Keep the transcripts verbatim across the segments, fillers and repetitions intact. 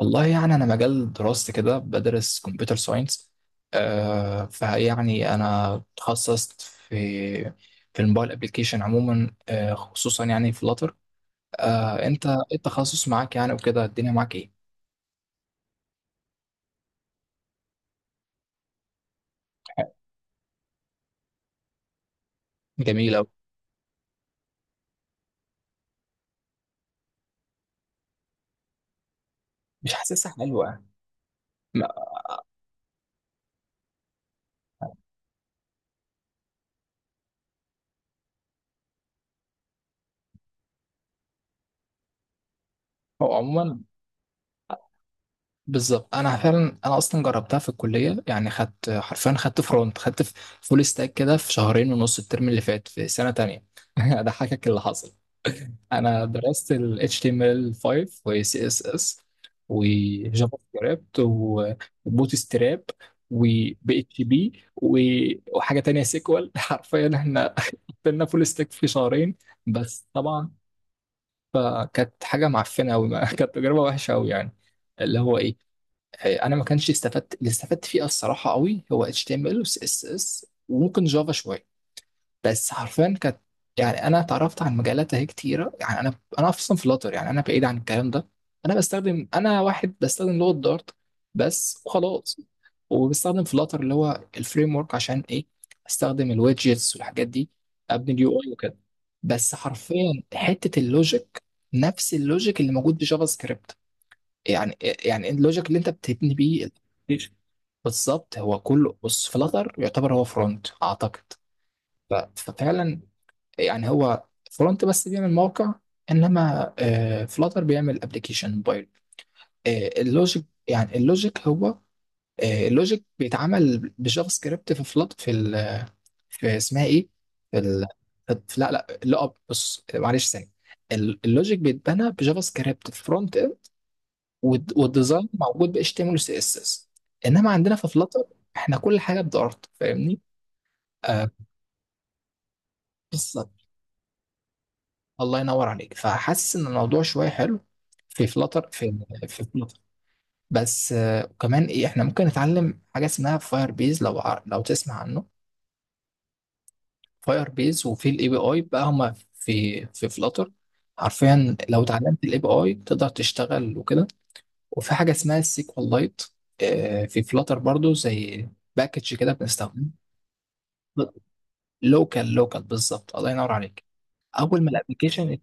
والله يعني أنا مجال دراستي كده بدرس كمبيوتر ساينس. آه فيعني أنا اتخصصت في في الموبايل ابلكيشن عموما، آه، خصوصا يعني في لاتر. آه، أنت إيه التخصص معاك يعني وكده الدنيا معاك إيه؟ جميلة أوي. مش حاسسها حلوة يعني. ما- هو عموما بالظبط. أنا فعلا أنا أصلا جربتها في الكلية، يعني خدت حرفيا، خدت فرونت، خدت فول ستاك كده في شهرين ونص الترم اللي فات في سنة تانية. أضحكك اللي حصل. انا درست ال إتش تي إم إل خمسة و سي إس إس و جافا سكريبت وبوت ستراب و بي إتش بي و- وحاجه تانية سيكوال. حرفيا احنا قفلنا فول ستاك في شهرين، بس طبعا فكانت حاجه معفنه قوي. كانت تجربه وحشه قوي يعني. اللي هو ايه، انا ما كانش استفدت، اللي استفدت فيه الصراحه قوي هو H T M L و C S S وممكن جافا شويه، بس حرفيا كانت يعني انا اتعرفت عن مجالات اهي كتيره. يعني انا انا اصلا فلاتر، يعني انا بعيد عن الكلام ده. انا بستخدم انا واحد بستخدم لغه دارت بس وخلاص. وبستخدم فلاتر اللي هو الفريم ورك، عشان ايه؟ استخدم الويدجتس والحاجات دي، ابني اليو اي وكده. بس حرفيا حته اللوجيك، نفس اللوجيك اللي موجود بجافا سكريبت. يعني يعني اللوجيك اللي انت بتبني بيه ال- بالظبط. هو كله بص، فلاتر يعتبر هو فرونت اعتقد. ف- ففعلا. يعني هو فرونت بس بيعمل موقع، انما فلاتر بيعمل ابلكيشن موبايل. آه، اللوجيك يعني اللوجيك هو، آه، اللوجيك بيتعمل بجافا سكريبت في فلات في, ال... في اسمها ايه، في, ال... في لا لا لا أب- بص، معلش ثاني. ال- اللوجيك بيتبنى بجافا سكريبت في فرونت اند، والد- والديزاين موجود ب H T M L و سي إس إس. انما عندنا في فلاتر احنا كل حاجه بدارت، فاهمني؟ آه، الله ينور عليك. فحاسس ان الموضوع شويه حلو في فلاتر. في في فلاتر بس. آه، وكمان ايه، احنا ممكن نتعلم حاجه اسمها فاير بيز، لو ع- لو تسمع عنه. فاير بيز، وفي الاي بي اي بقى، هما في في فلاتر. حرفيا لو اتعلمت الاي بي اي تقدر تشتغل وكده. وفي حاجه اسمها السيكوال لايت في فلاتر برضو، زي باكج كده بنستخدمه. لوكال لوكال، بالظبط، الله ينور عليك. اول ما الابلكيشن،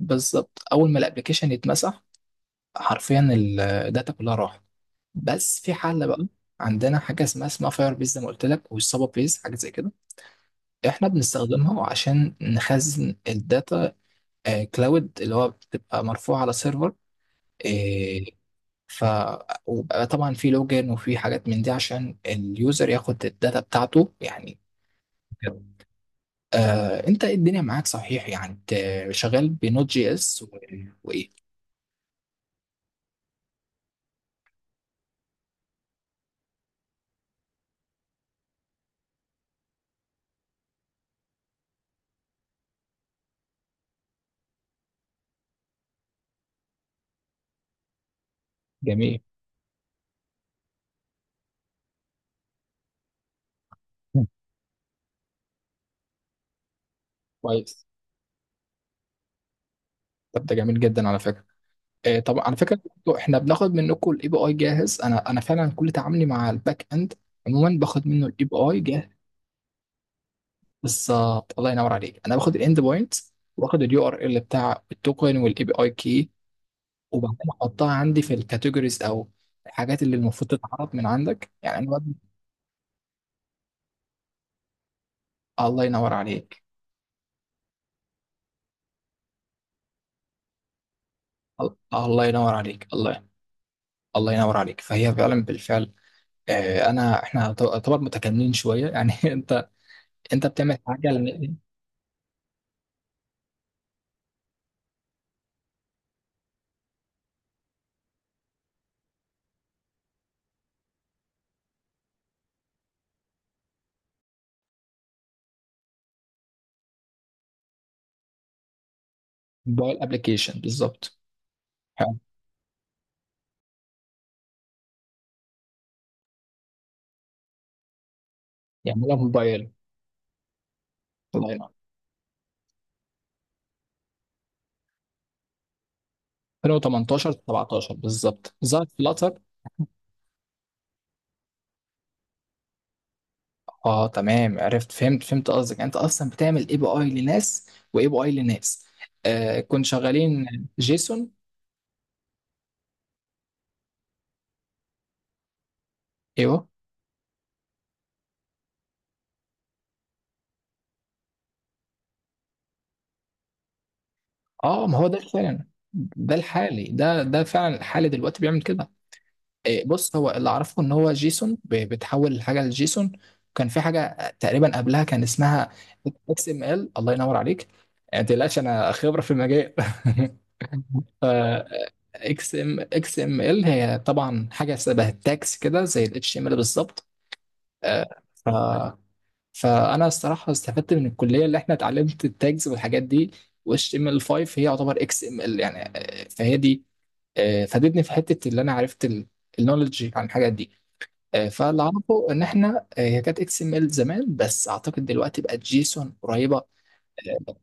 بالظبط، اول ما الابلكيشن يتمسح حرفيا الداتا كلها راحت. بس في حل بقى. مم. عندنا حاجه اسمها اسمها فاير بيز زي ما قلت لك، والسابا بيز حاجه زي كده، احنا بنستخدمها عشان نخزن الداتا كلاود، اللي هو بتبقى مرفوعه على سيرفر. آه، ف وبقى طبعا في لوجن وفي حاجات من دي عشان اليوزر ياخد الداتا بتاعته يعني. كده. آه، انت إيه الدنيا معاك صحيح يعني؟ انت شغال بنوت جي اس و- وايه؟ جميل. مم. كويس. طب ده جميل جدا على فكره. آه، طب على فكره، برضو احنا بناخد منكم الاي بي اي جاهز. انا انا فعلا كل تعاملي مع الباك اند عموما باخد منه الاي بي اي جاهز. بالظبط، الله ينور عليك، انا باخد الاند بوينت واخد اليو ار ال بتاع التوكن والاي بي اي كي، وبعدين احطها عندي في الكاتيجوريز او الحاجات اللي المفروض تتعرض من عندك يعني. انا بد- الله ينور عليك. ال- الله ينور عليك الله الله ينور عليك. فهي فعلا بالفعل. آه، انا احنا طبعا متكاملين شويه يعني. انت انت بتعمل حاجه للموبايل ابلكيشن بالظبط. حلو. يعملها موبايل. الله ينور. ألفين وتمنتاشر سبعتاشر بالظبط ظهرت فلاتر. اه تمام، عرفت، فهمت فهمت قصدك. انت اصلا بتعمل اي بي اي لناس واي بي اي لناس؟ آه، كنت شغالين جيسون؟ ايوه. اه، ما هو ده فعلا، ده الحالي ده ده فعلا الحالي دلوقتي بيعمل كده. آه، بص، هو اللي اعرفه ان هو جيسون، ب- بتحول الحاجه لجيسون. كان في حاجه تقريبا قبلها كان اسمها اكس ام ال. الله ينور عليك، ما تقلقش انا خبره في المجال. ف اكس ام اكس ام ال هي طبعا حاجه شبه التاكس كده، زي الاتش ام ال بالظبط. آه، ف فانا الصراحه استفدت من الكليه، اللي احنا اتعلمت التاجز والحاجات دي، واتش ام ال خمسة هي يعتبر اكس ام ال يعني. آه، فهي دي، آه، فادتني في حته اللي انا عرفت النولج عن الحاجات دي. آه، فاللي اعرفه ان احنا، آه، هي كانت اكس ام ال زمان، بس اعتقد دلوقتي بقت جيسون قريبه. آه،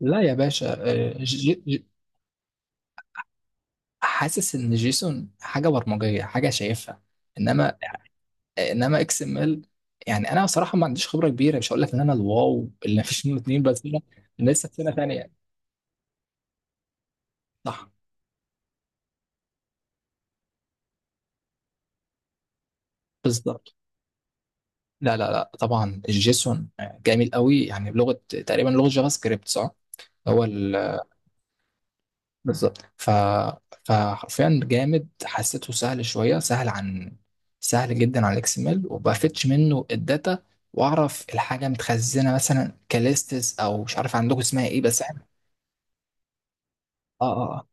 لا يا باشا. حاسس ان جيسون حاجه برمجيه حاجه شايفها. انما انما اكس ام ال، يعني انا بصراحه ما عنديش خبره كبيره، مش هقول لك ان انا الواو اللي مفيش منه اتنين، بس انا أنا لسه في سنه ثانيه. صح، بالظبط. لا لا لا، طبعا الجيسون جميل قوي، يعني بلغه تقريبا لغه جافا سكريبت صح؟ هو ال- بالظبط. ف... فحرفيا جامد، حسيته سهل شويه، سهل عن، سهل جدا على الاكس ام ال، وبفتش منه الداتا واعرف الحاجه متخزنه مثلا كليستس، او مش عارف عندكم اسمها ايه، بس احنا، اه اه، آه.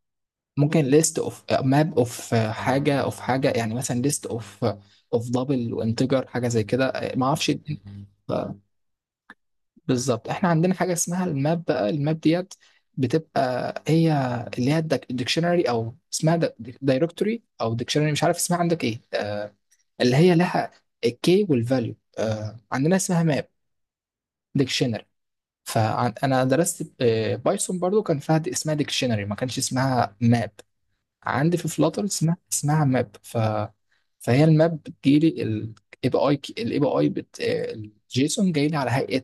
ممكن ليست اوف ماب اوف حاجه اوف حاجه، يعني مثلا ليست اوف، اوف دبل وانتجر، حاجه زي كده، ما اعرفش. بالظبط. احنا عندنا حاجه اسمها الماب بقى، الماب ديت، بتبقى هي اللي هي الديكشنري، او اسمها دايركتوري او ديكشنري مش عارف اسمها عندك ايه. آه، اللي هي لها الكي والفاليو، آه عندنا اسمها ماب. ديكشنري. فانا درست آه بايثون برضو كان فيها دي- اسمها ديكشنري، ما كانش اسمها ماب. عندي في فلاتر اسمها اسمها ماب. ف فهي الماب بتجيلي الاي بي اي، الاي بي اي بت الجيسون جاي لي على هيئه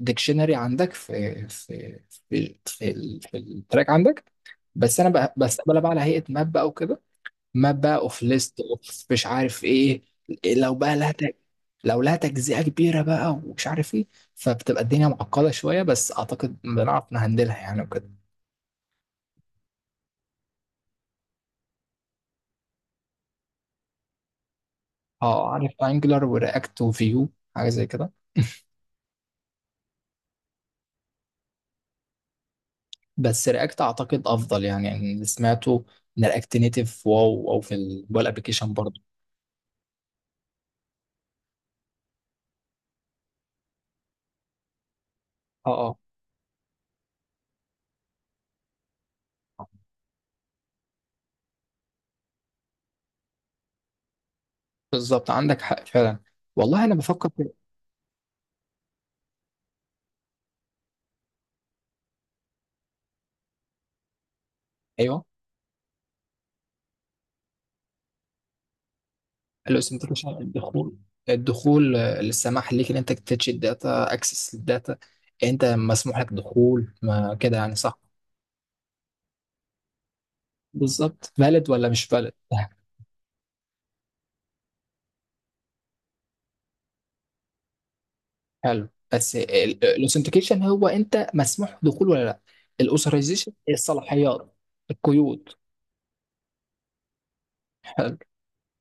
ديكشنري عندك في في في في, ال- في التراك عندك. بس انا بقى- بستقبلها بقى على هيئه ماب بقى وكده. ماب بقى اوف ليست اوف مش عارف ايه. لو بقى لها تج- لو لها تجزئه كبيره بقى ومش عارف ايه. فبتبقى الدنيا معقده شويه، بس اعتقد بنعرف نهندلها يعني وكده. اه، عارف انجلر ورياكت وفيو، حاجه زي كده. بس رياكت اعتقد افضل، يعني يعني اللي سمعته ان رياكت نيتف واو، او في الموبايل ابلكيشن برضه. اه اه، بالظبط، عندك حق فعلا. والله انا بفكر في، ايوه. الاوثنتيكيشن الدخول، الدخول، آه، السماح ليك ان انت تتش الداتا، اكسس الداتا. انت مسموح لك دخول ما كده يعني صح؟ بالظبط. فالid ولا مش فالid. حلو. بس الاوثنتيكيشن هو انت مسموح دخول ولا لا. الاوثرايزيشن الصلاحيات، القيود. حلو،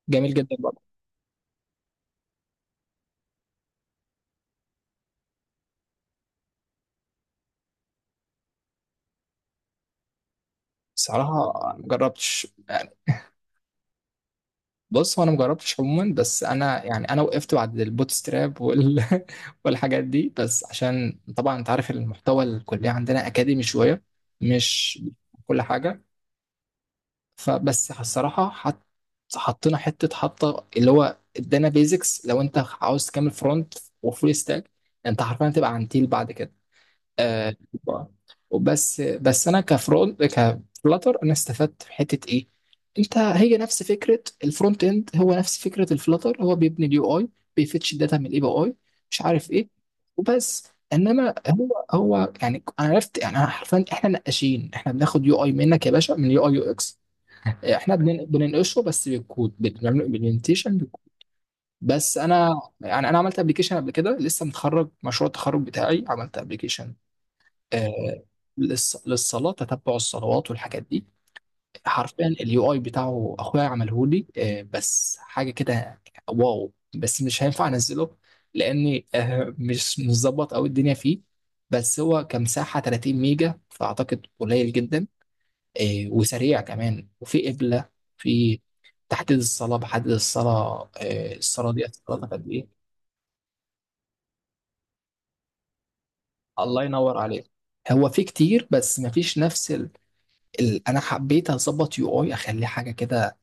جميل جدا. صراحة ما جربتش يعني. بص، هو انا ما جربتش عموما، بس انا يعني انا وقفت بعد البوتستراب وال... والحاجات دي، بس عشان طبعا انت عارف المحتوى الكلية عندنا اكاديمي شوية، مش كل حاجة. فبس الصراحة حط... حطينا حتة حطة اللي هو ادانا بيزكس، لو انت عاوز تكمل فرونت وفول ستاك انت حرفيا هتبقى عنتيل بعد كده. آه. وبس بس انا كفرونت كفلاتر انا استفدت في حته ايه، انت هي نفس فكره الفرونت اند، هو نفس فكره الفلاتر، هو بيبني اليو اي، بيفتش الداتا من الاي بي اي، مش عارف ايه. وبس. انما هو هو يعني انا عرفت، يعني أنا حرفيا احنا نقاشين، احنا بناخد يو اي منك يا باشا من يو اي يو اكس. احنا بنن- بننقشه بس بالكود، بنعمل امبلمنتيشن بالكود. بس انا يعني انا عملت ابلكيشن قبل كده لسه متخرج، مشروع التخرج بتاعي عملت ابلكيشن، آه، للص- للصلاه، تتبع الصلوات والحاجات دي. حرفيا اليو اي بتاعه اخويا عمله لي، آه، بس حاجه كده واو، بس مش هينفع انزله، لاني آه، مش مظبط قوي الدنيا فيه. بس هو كمساحه تلاتين ميجا، فاعتقد قليل جدا. آه، وسريع كمان، وفي قبله، في تحديد الصلاه، بحدد الصلاه، آه، الصلاه دي صلاتها قد ايه. الله ينور عليك. هو في كتير، بس مفيش نفس ال- انا حبيت اظبط يو اي اخليه حاجه كده،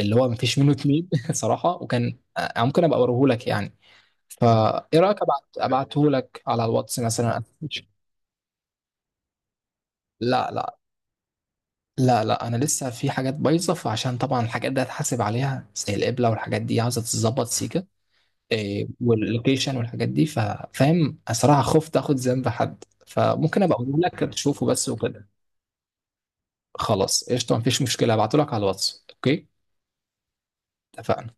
اللي هو مفيش منه اتنين. صراحه. وكان آه، ممكن ابقى اوريه لك يعني. فايه رايك ابعت، ابعته لك على الواتس مثلا؟ لا لا لا لا انا لسه في حاجات بايظه، فعشان طبعا الحاجات دي هتحاسب عليها، زي القبله والحاجات دي عاوزه تتظبط سيكه، إيه واللوكيشن والحاجات دي، فا- فاهم الصراحه خفت اخد ذنب حد، فممكن ابقى اقول لك تشوفه بس وكده. خلاص قشطه، مفيش مشكله، ابعته لك على الواتس. اوكي. اتفقنا.